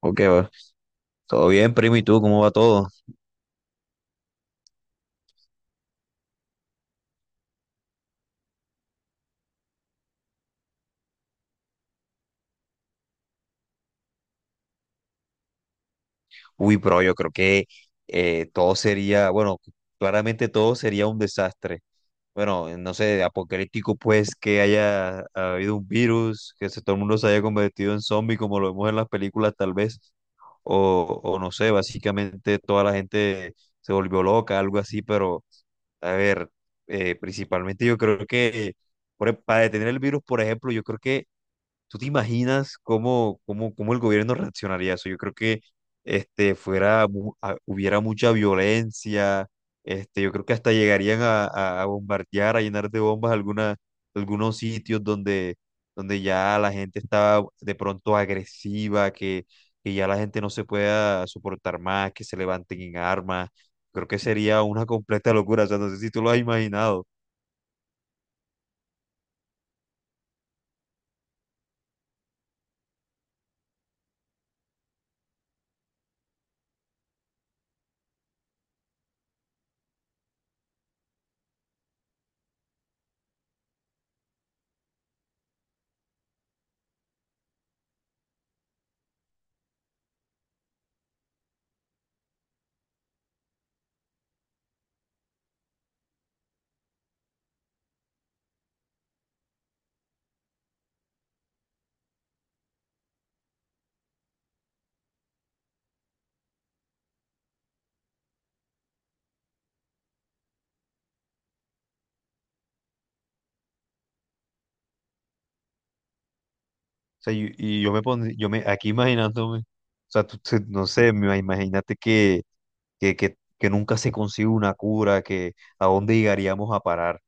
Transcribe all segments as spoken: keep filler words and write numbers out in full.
Ok, va. Todo bien, primo, ¿y tú? ¿Cómo va todo? Uy, bro, yo creo que eh, todo sería, bueno, claramente todo sería un desastre. Bueno, eh, no sé, apocalíptico pues que haya habido un virus, que se- todo el mundo se haya convertido en zombie como lo vemos en las películas tal vez, o, o no sé, básicamente toda la gente se volvió loca, algo así, pero a ver, eh, principalmente yo creo que por e- para detener el virus, por ejemplo, yo creo que. ¿Tú te imaginas cómo, cómo, cómo el gobierno reaccionaría a eso? Yo creo que este, fuera, mu- a- hubiera mucha violencia, este, yo creo que hasta llegarían a, a- a bombardear, a llenar de bombas alguna, algunos sitios donde, donde ya la gente estaba de pronto agresiva, que, que ya la gente no se pueda soportar más, que se levanten en armas. Creo que sería una completa locura, o sea, no sé si tú lo has imaginado. Sea, y, y yo me pondría, yo me, aquí imaginándome, o sea, tú- tú- no sé, me- imagínate que, que, que, que nunca se consigue una cura, que a dónde llegaríamos a parar.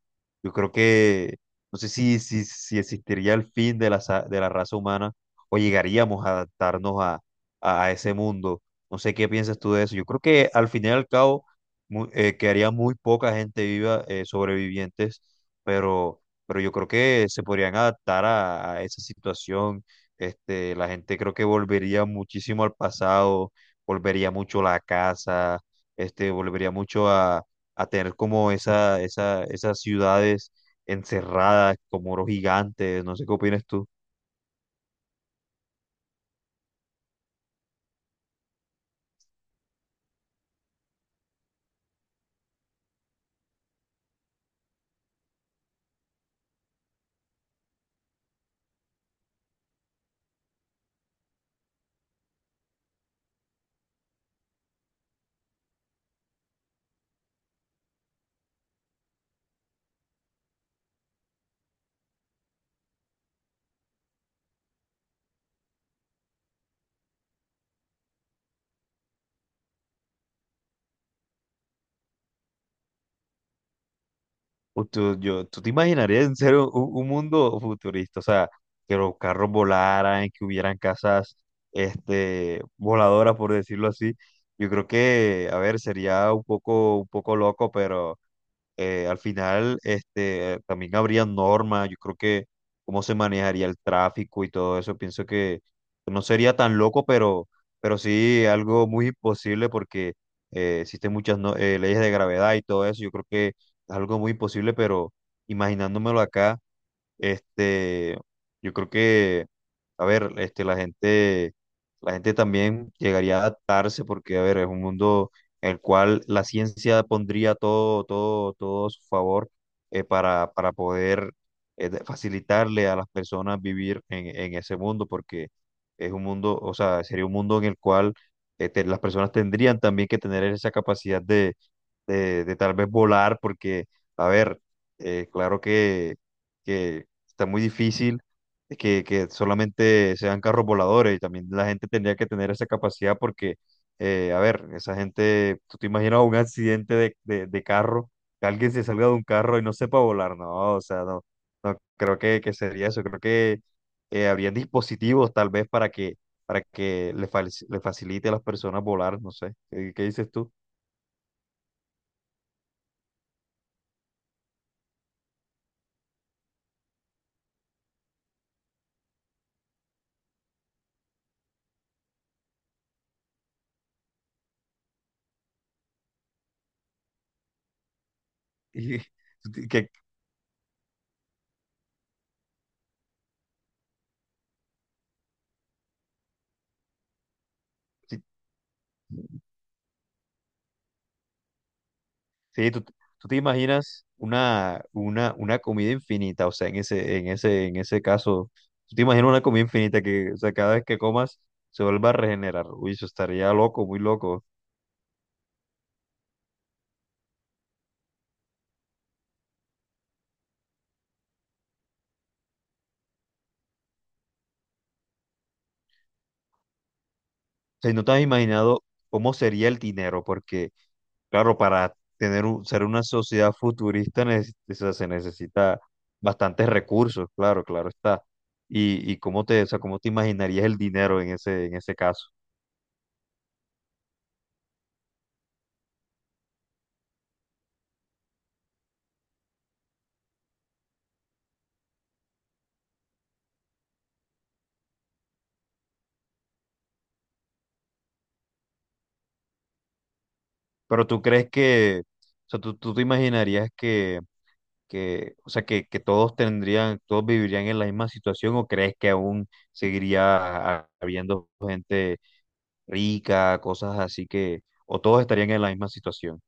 Yo creo que, no sé si, si, si existiría el fin de la, sa- de la raza humana o llegaríamos a adaptarnos a, a, a ese mundo. No sé qué piensas tú de eso. Yo creo que al fin y al cabo mu- eh, quedaría muy poca gente viva, eh, sobrevivientes, pero, pero yo creo que se podrían adaptar a, a esa situación. Este, la gente creo que volvería muchísimo al pasado, volvería mucho a la casa, este, volvería mucho a, a tener como esa, esa, esas ciudades encerradas, como muros gigantes, no sé qué opinas tú. O tú, yo, ¿tú te imaginarías en serio un, un mundo futurista? O sea, que los carros volaran, que hubieran casas, este, voladoras, por decirlo así. Yo creo que, a ver, sería un poco, un poco loco, pero eh, al final, este, también habría normas, yo creo que cómo se manejaría el tráfico y todo eso, pienso que no sería tan loco, pero, pero sí algo muy imposible porque eh, existen muchas no- eh, leyes de gravedad y todo eso, yo creo que es algo muy imposible, pero imaginándomelo acá, este, yo creo que, a ver, este, la gente, la gente también llegaría a adaptarse porque, a ver, es un mundo en el cual la ciencia pondría todo, todo, todo a su favor. eh, para, para poder eh, de- facilitarle a las personas vivir en, en ese mundo porque es un mundo, o sea, sería un mundo en el cual este, las personas tendrían también que tener esa capacidad de, de, de tal vez volar porque, a ver, eh, claro que que está muy difícil que, que solamente sean carros voladores y también la gente tendría que tener esa capacidad porque, eh, a ver, esa gente, tú te imaginas un accidente de, de, de carro, que alguien se salga de un carro y no sepa volar, no, o sea, no, no creo que, que sería eso, creo que eh, habrían dispositivos tal vez para que, para que le, fal- le facilite a las personas volar, no sé, ¿qué, qué dices tú? Y, ¿Qué- qué- Sí, tú, tú te imaginas una, una, una comida infinita, o sea, en ese, en ese, en ese caso, tú te imaginas una comida infinita que, o sea, cada vez que comas se vuelva a regenerar. Uy, eso estaría loco, muy loco. O sea, no te has imaginado cómo sería el dinero, porque, claro, para tener un- ser una sociedad futurista, neces- o sea, se necesita bastantes recursos, claro, claro está. Y, y cómo te, o sea, cómo te imaginarías el dinero en ese, en ese caso. Pero tú crees que, o sea, tú, tú te imaginarías que que, o sea, que, que todos tendrían, todos vivirían en la misma situación o crees que aún seguiría ha- habiendo gente rica, cosas así que, ¿o todos estarían en la misma situación?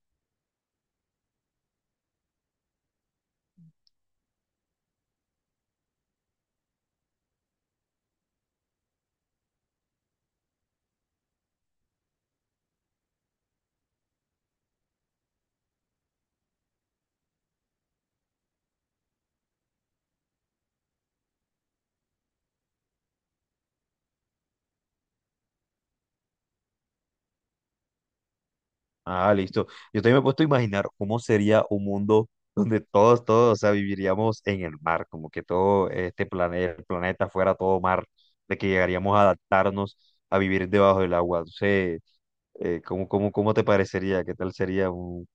Ah, listo. Yo también me he puesto a imaginar cómo sería un mundo donde todos, todos, o sea, viviríamos en el mar, como que todo este planeta, el planeta fuera todo mar, de que llegaríamos a adaptarnos a vivir debajo del agua. No sé, eh, ¿cómo, cómo, cómo te parecería? ¿Qué tal sería un...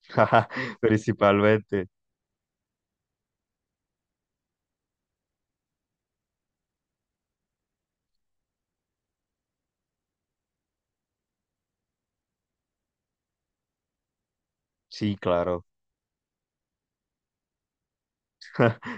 principalmente? Sí, claro.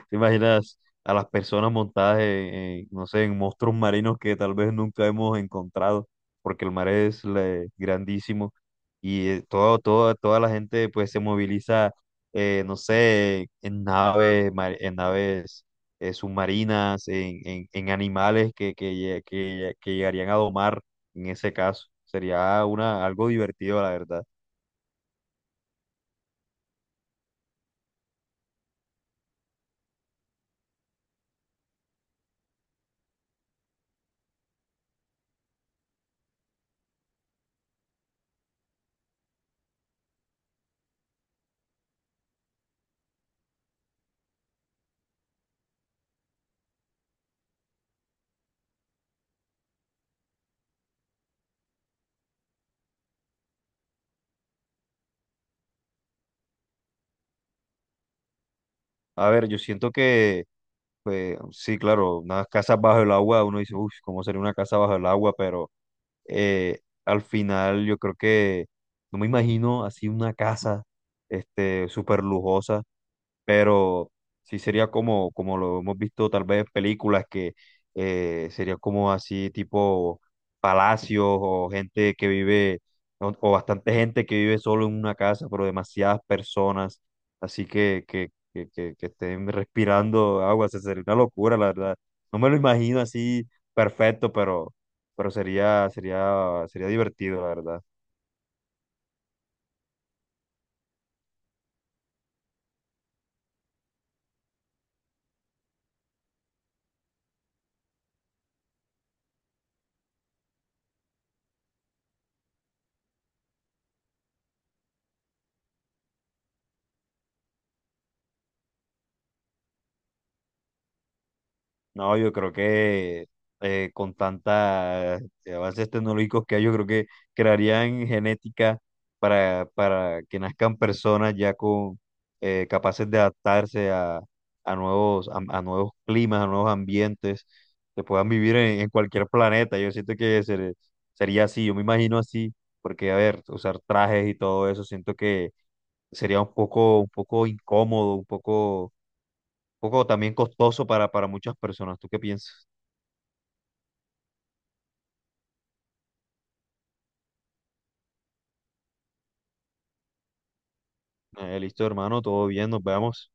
¿Te imaginas a las personas montadas en, en, no sé, en monstruos marinos que tal vez nunca hemos encontrado, porque el mar es le- grandísimo y eh, todo, todo- toda la gente pues se moviliza, eh, no sé, en naves, mar- en naves eh, submarinas, en, en, en animales que, que, lle- que, lle- que llegarían a domar en ese caso. Sería una, algo divertido, la verdad. A ver, yo siento. Pues sí, claro, unas casas bajo el agua, uno dice, uff, ¿cómo sería una casa bajo el agua? Pero eh, al final yo creo que no me imagino así una casa, este, súper lujosa, pero sí sería como, como lo hemos visto tal vez en películas que eh, sería como así tipo palacios o gente que vive o, o bastante gente que vive solo en una casa, pero demasiadas personas, así que, que, que, que, que estén respirando agua, se sería una locura, la verdad. No me lo imagino así perfecto, pero, pero sería, sería, sería divertido, la verdad. No, yo creo que eh, con tantas eh, avances tecnológicos que hay, yo creo que crearían genética para, para que nazcan personas ya con eh, capaces de adaptarse a, a nuevos, a, a nuevos climas, a nuevos ambientes, que puedan vivir en, en cualquier planeta. Yo siento que se- sería así, yo me imagino así, porque a ver, usar trajes y todo eso, siento que sería un poco, un poco incómodo, un poco, un poco también costoso para, para muchas personas. ¿Tú qué piensas? Eh, listo, hermano, todo bien, nos vemos.